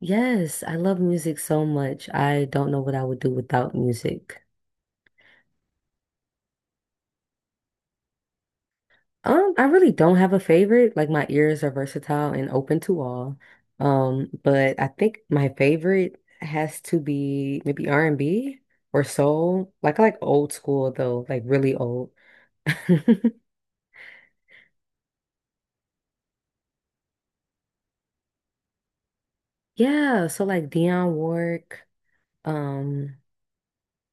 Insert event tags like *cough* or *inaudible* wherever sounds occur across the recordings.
Yes, I love music so much. I don't know what I would do without music. I really don't have a favorite. Like my ears are versatile and open to all. But I think my favorite has to be maybe R&B or soul. Like I like old school though, like really old. *laughs* Yeah, so like Dionne Warwick, um,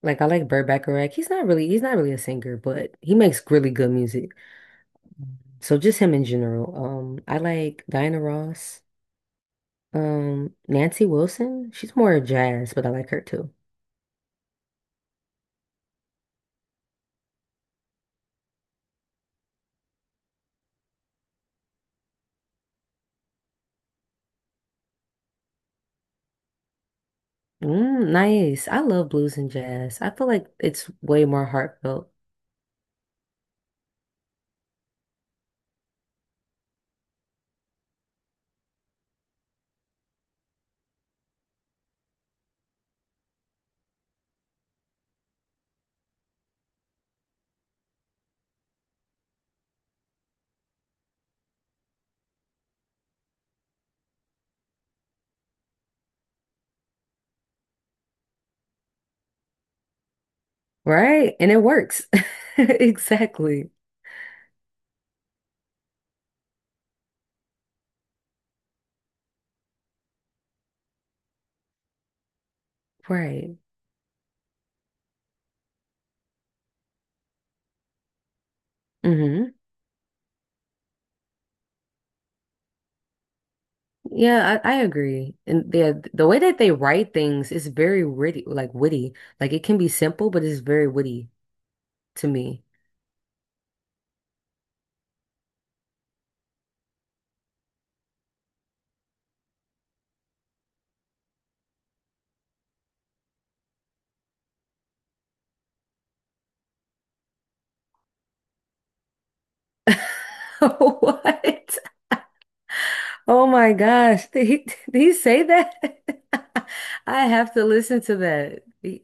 like I like Burt Bacharach. He's not really a singer, but he makes really good music. So just him in general. I like Diana Ross. Nancy Wilson. She's more jazz, but I like her too. Mm, nice. I love blues and jazz. I feel like it's way more heartfelt, right? And it works. *laughs* Exactly. Right. hmm Yeah, I agree. And the way that they write things is very witty. Like it can be simple, but it's very witty to me. *laughs* What? Oh my gosh. Did he, *laughs* did he say that? *laughs* I have to listen to that.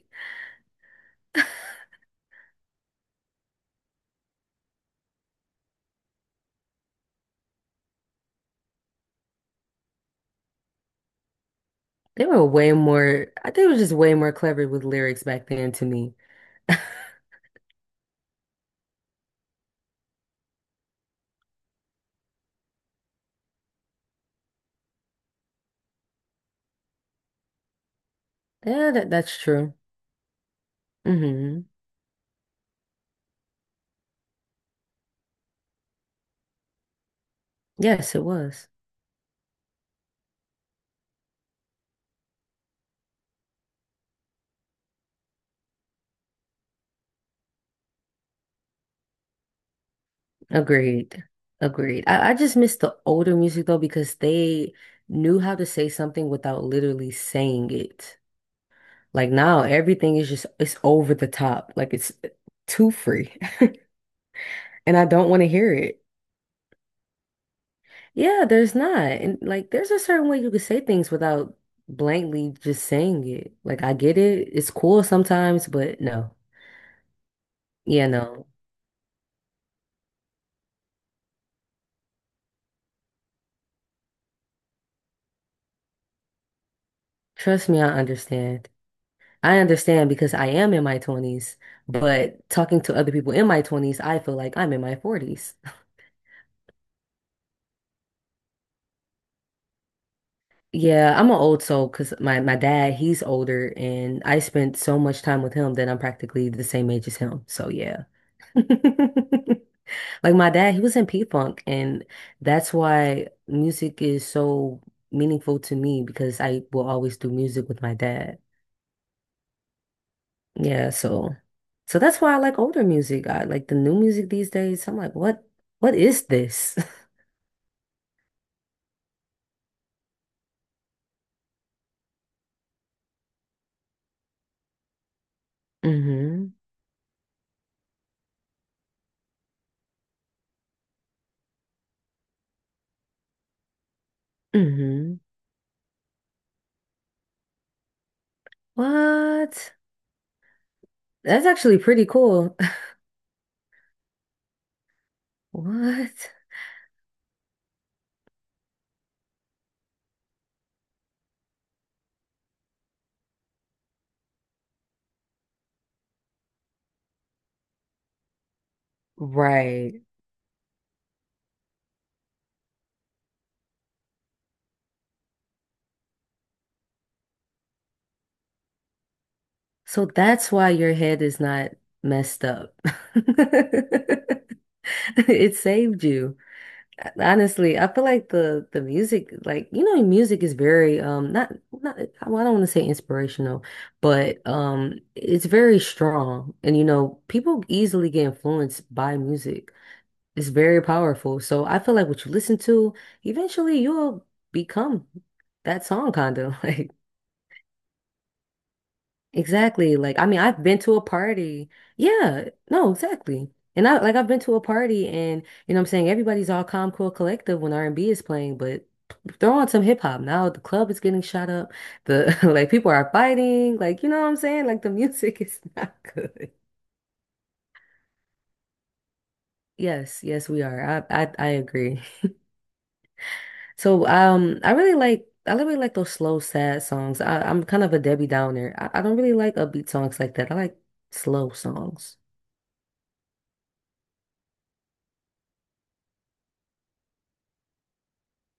They were way more, I think it was just way more clever with lyrics back then to me. *laughs* Yeah, that's true. Hmm Yes, it was. Agreed. Agreed. I just miss the older music though because they knew how to say something without literally saying it. Like now everything is just it's over the top. Like it's too free. *laughs* And I don't want to hear it. Yeah, there's not. And like there's a certain way you could say things without blankly just saying it. Like I get it. It's cool sometimes, but no. Yeah, no. Trust me, I understand. I understand because I am in my 20s, but talking to other people in my 20s, I feel like I'm in my 40s. Yeah, I'm an old soul because my dad, he's older and I spent so much time with him that I'm practically the same age as him. So yeah. *laughs* Like my dad, he was in P-Funk, and that's why music is so meaningful to me because I will always do music with my dad. Yeah, so that's why I like older music. I like the new music these days. I'm like, what is this? *laughs* hmm hmm What? That's actually pretty cool. *laughs* What? Right. So that's why your head is not messed up. *laughs* It saved you. Honestly, I feel like the music, like you know, music is very not not well, I don't want to say inspirational, but it's very strong, and you know, people easily get influenced by music. It's very powerful. So I feel like what you listen to, eventually you'll become that song kind of *laughs* like exactly. Like, I mean, I've been to a party. Yeah, no, exactly. And I've been to a party and you know what I'm saying everybody's all calm, cool, collective when R&B is playing, but throw on some hip hop. Now the club is getting shot up. The *laughs* like people are fighting. Like, you know what I'm saying? Like the music *laughs* is not good. Yes, yes, we are. I agree. *laughs* So I really like those slow, sad songs. I'm kind of a Debbie Downer. I don't really like upbeat songs like that. I like slow songs.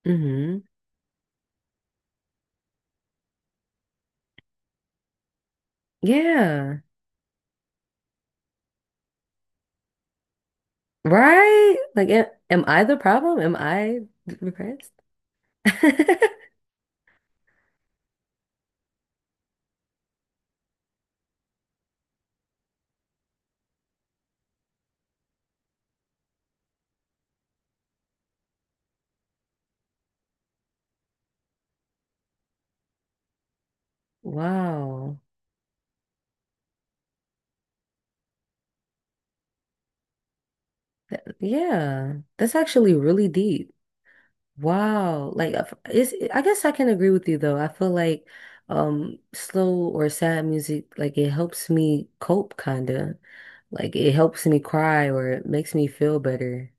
Hmm Yeah. Right? Like, am I the problem? Am I repressed? *laughs* Wow. Yeah. That's actually really deep. Wow. Like, it's, I guess I can agree with you though. I feel like slow or sad music, like it helps me cope kind of. Like it helps me cry or it makes me feel better.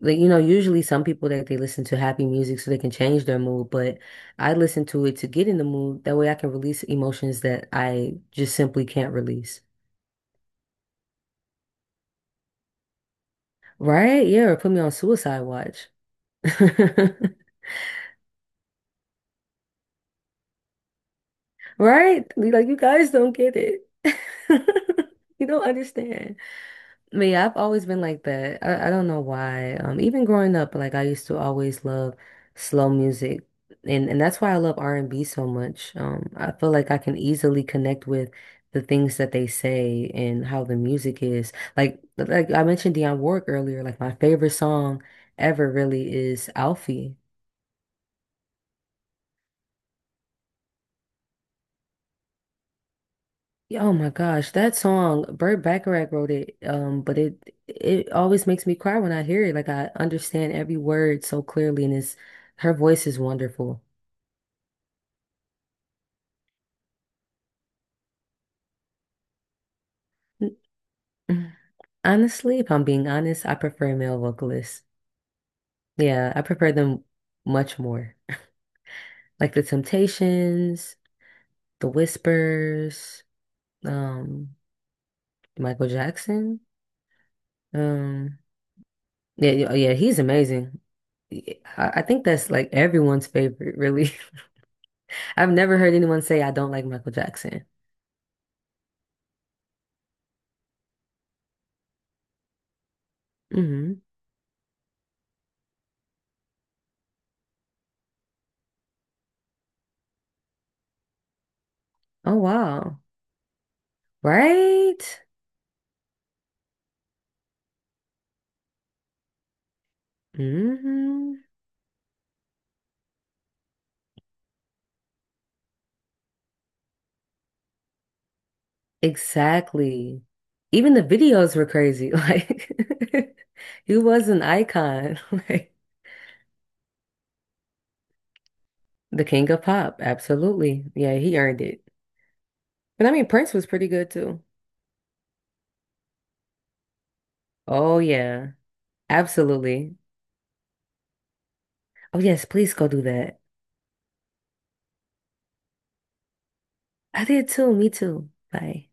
Like, you know, usually some people that they listen to happy music so they can change their mood, but I listen to it to get in the mood. That way I can release emotions that I just simply can't release. Right? Yeah, or put me on suicide watch. *laughs* Right? Like you guys don't get it. *laughs* You don't understand. But yeah, I've always been like that. I don't know why. Even growing up, like I used to always love slow music, and that's why I love R&B so much. I feel like I can easily connect with the things that they say and how the music is. Like I mentioned Dionne Warwick earlier. Like my favorite song ever really is Alfie. Yeah, oh my gosh, that song, Burt Bacharach wrote it. But it always makes me cry when I hear it. Like I understand every word so clearly, and it's her voice is wonderful. N- Honestly, if I'm being honest, I prefer male vocalists. Yeah, I prefer them much more. Like the Temptations, the Whispers, um, Michael Jackson. Um, yeah, he's amazing. I think that's like everyone's favorite, really. *laughs* I've never heard anyone say I don't like Michael Jackson. Hmm Oh wow. Right? hmm Exactly. Even the videos were crazy. *laughs* Like *laughs* he was an icon. *laughs* Like the king of pop. Absolutely. Yeah, he earned it. But I mean Prince was pretty good too. Oh yeah. Absolutely. Oh yes, please go do that. I did too. Me too. Bye.